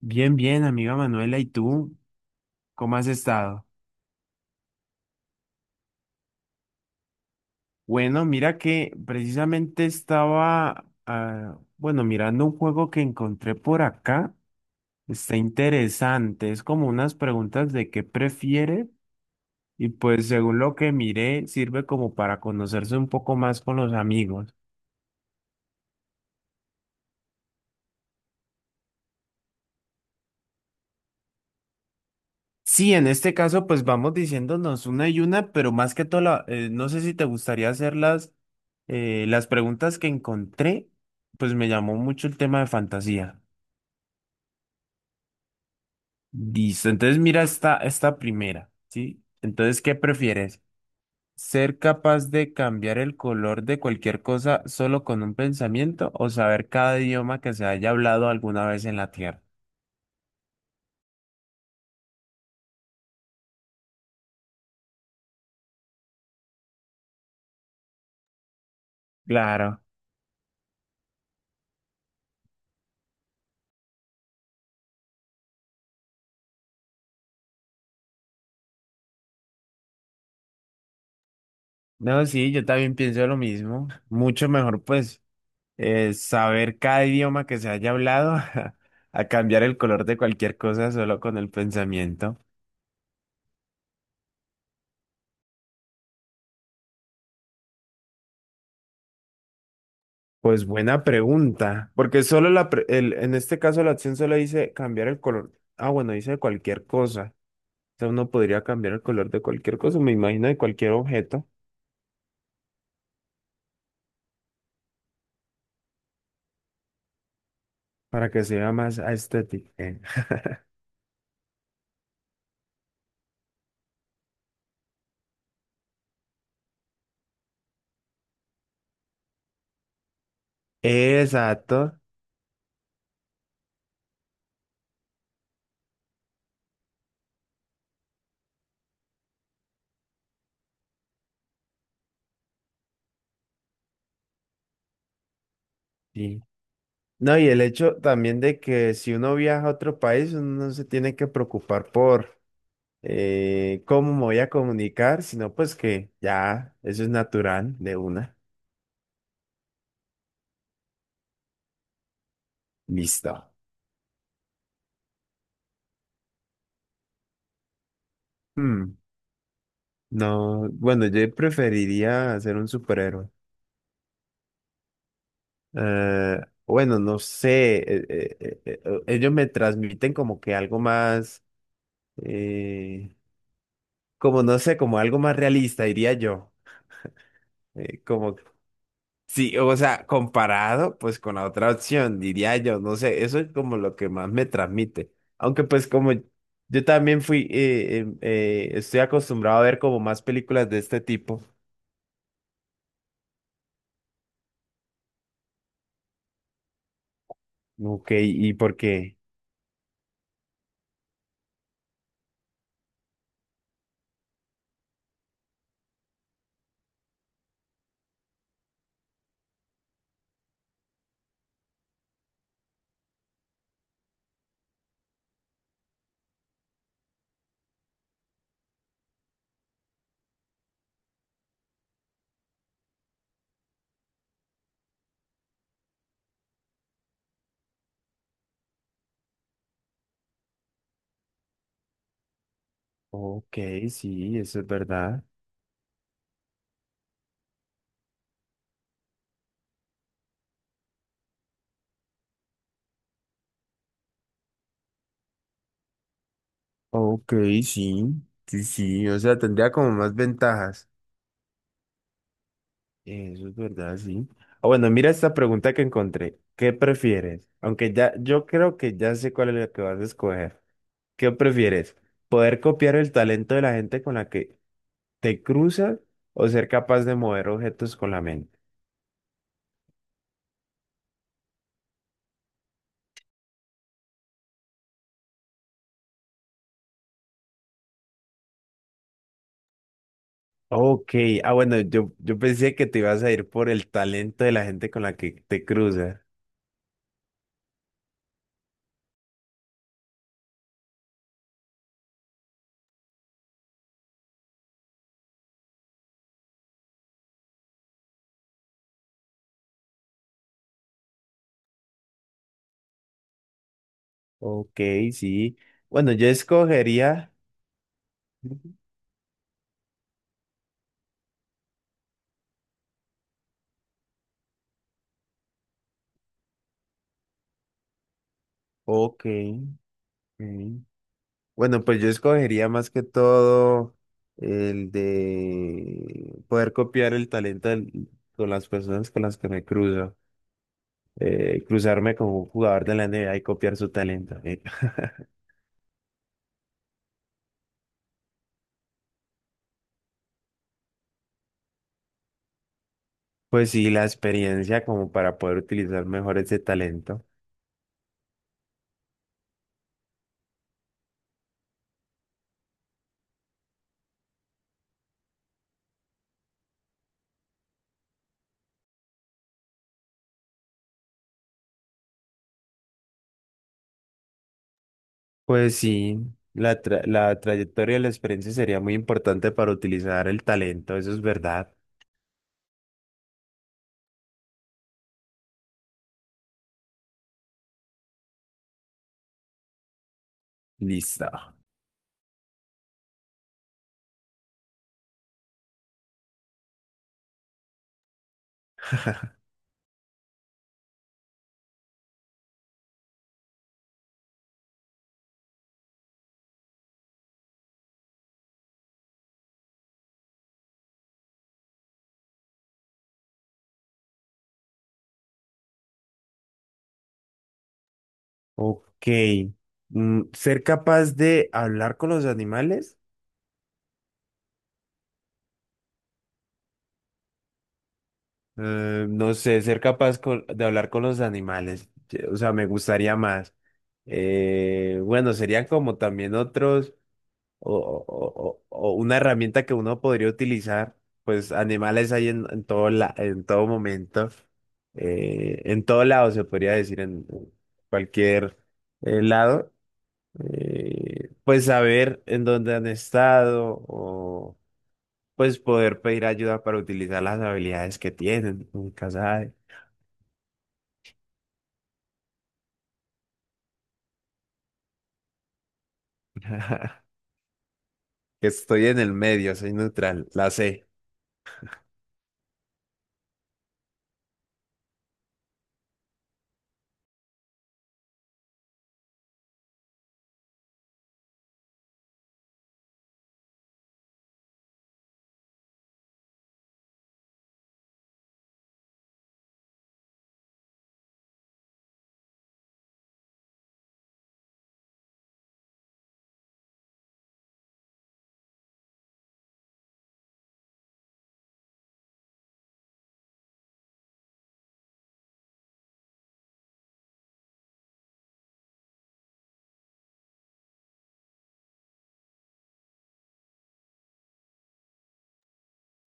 Bien, bien, amiga Manuela, ¿y tú cómo has estado? Bueno, mira que precisamente estaba, bueno, mirando un juego que encontré por acá. Está interesante, es como unas preguntas de qué prefiere, y pues según lo que miré, sirve como para conocerse un poco más con los amigos. Sí, en este caso, pues vamos diciéndonos una y una, pero más que todo, no sé si te gustaría hacer las preguntas que encontré. Pues me llamó mucho el tema de fantasía. Listo, entonces mira esta primera, ¿sí? Entonces, ¿qué prefieres? ¿Ser capaz de cambiar el color de cualquier cosa solo con un pensamiento, o saber cada idioma que se haya hablado alguna vez en la Tierra? Claro. No, sí, yo también pienso lo mismo. Mucho mejor, pues, saber cada idioma que se haya hablado a cambiar el color de cualquier cosa solo con el pensamiento. Pues buena pregunta, porque solo en este caso la acción solo dice cambiar el color. Ah, bueno, dice cualquier cosa. O sea, uno podría cambiar el color de cualquier cosa, me imagino, de cualquier objeto, para que sea más estético. Exacto, sí. No, y el hecho también de que si uno viaja a otro país, uno no se tiene que preocupar por ¿cómo me voy a comunicar? Sino pues que ya, eso es natural de una. Listo. Hmm, No, bueno, yo preferiría ser un superhéroe. Eh, bueno, no sé, ellos me transmiten como que algo más, eh, como no sé, como algo más realista, diría yo. Como Sí, o sea, comparado pues con la otra opción, diría yo, no sé, eso es como lo que más me transmite. Aunque pues como yo también fui, estoy acostumbrado a ver como más películas de este tipo. Ok, ¿y por qué? Ok, sí, eso es verdad. Ok, sí, sí, sí, o sea, tendría como más ventajas. Eso es verdad, sí. Ah, bueno, mira esta pregunta que encontré. ¿Qué prefieres? Aunque ya, yo creo que ya sé cuál es la que vas a escoger. ¿Qué prefieres? ¿Poder copiar el talento de la gente con la que te cruzas, o ser capaz de mover objetos con la mente? Ok, ah, bueno, yo, pensé que te ibas a ir por el talento de la gente con la que te cruzas. Ok, sí. Bueno, yo escogería... Ok. Ok. Bueno, pues yo escogería más que todo el de poder copiar el talento con las personas con las que me cruzo. Cruzarme con un jugador de la NBA y copiar su talento. ¿Eh? Pues sí, la experiencia como para poder utilizar mejor ese talento. Pues sí, la trayectoria de la experiencia sería muy importante para utilizar el talento, eso es verdad. Listo. Ok. Mm, ser capaz de hablar con los animales. No sé, de hablar con los animales. O sea, me gustaría más. Bueno, serían como también otros, o, o una herramienta que uno podría utilizar. Pues animales hay en en todo momento, en todo lado, se podría decir, en cualquier lado, pues saber en dónde han estado, o pues poder pedir ayuda para utilizar las habilidades que tienen. Nunca sabe. Que estoy en el medio, soy neutral, la sé.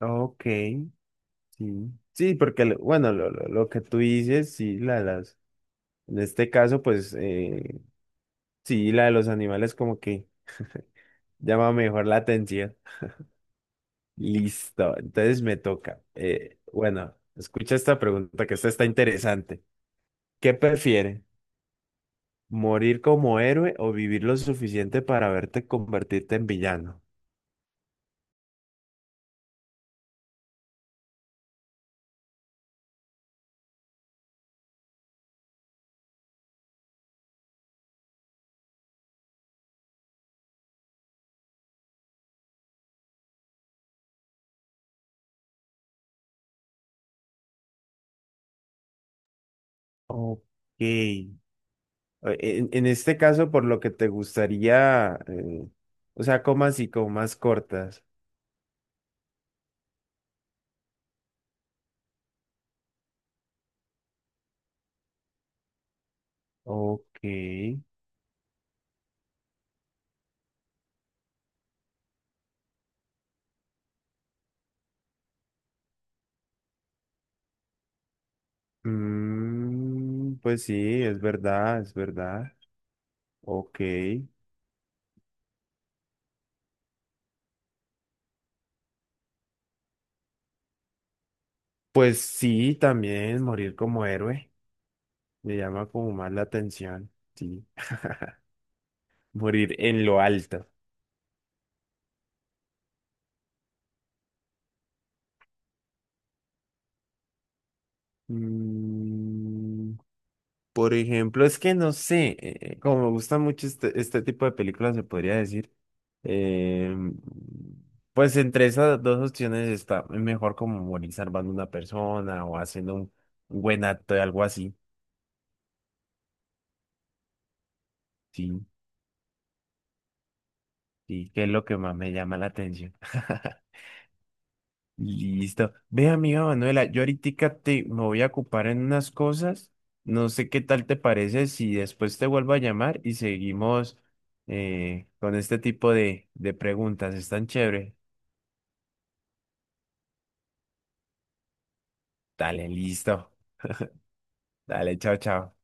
Ok, sí. Sí, porque, bueno, lo que tú dices, sí, en este caso, pues sí, la de los animales como que llama mejor la atención. Listo, entonces me toca. Bueno, escucha esta pregunta, que esta está interesante. ¿Qué prefiere? ¿Morir como héroe o vivir lo suficiente para verte convertirte en villano? Ok. Eh, en este caso, por lo que te gustaría, o sea, comas y comas cortas. Ok. Mm, pues sí, es verdad, es verdad. Ok. Pues sí, también morir como héroe me llama como más la atención. Sí. Morir en lo alto. Mm, por ejemplo, es que no sé, como me gusta mucho este tipo de películas, se podría decir. eh, pues entre esas dos opciones, está es mejor como morir salvando una persona o haciendo un buen acto, de algo así. Sí, sí, que es lo que más me llama la atención. Listo. Ve, amiga Manuela, yo ahorita te me voy a ocupar en unas cosas. No sé qué tal te parece si después te vuelvo a llamar y seguimos con este tipo de preguntas. Están chévere. Dale, listo. Dale, chao, chao.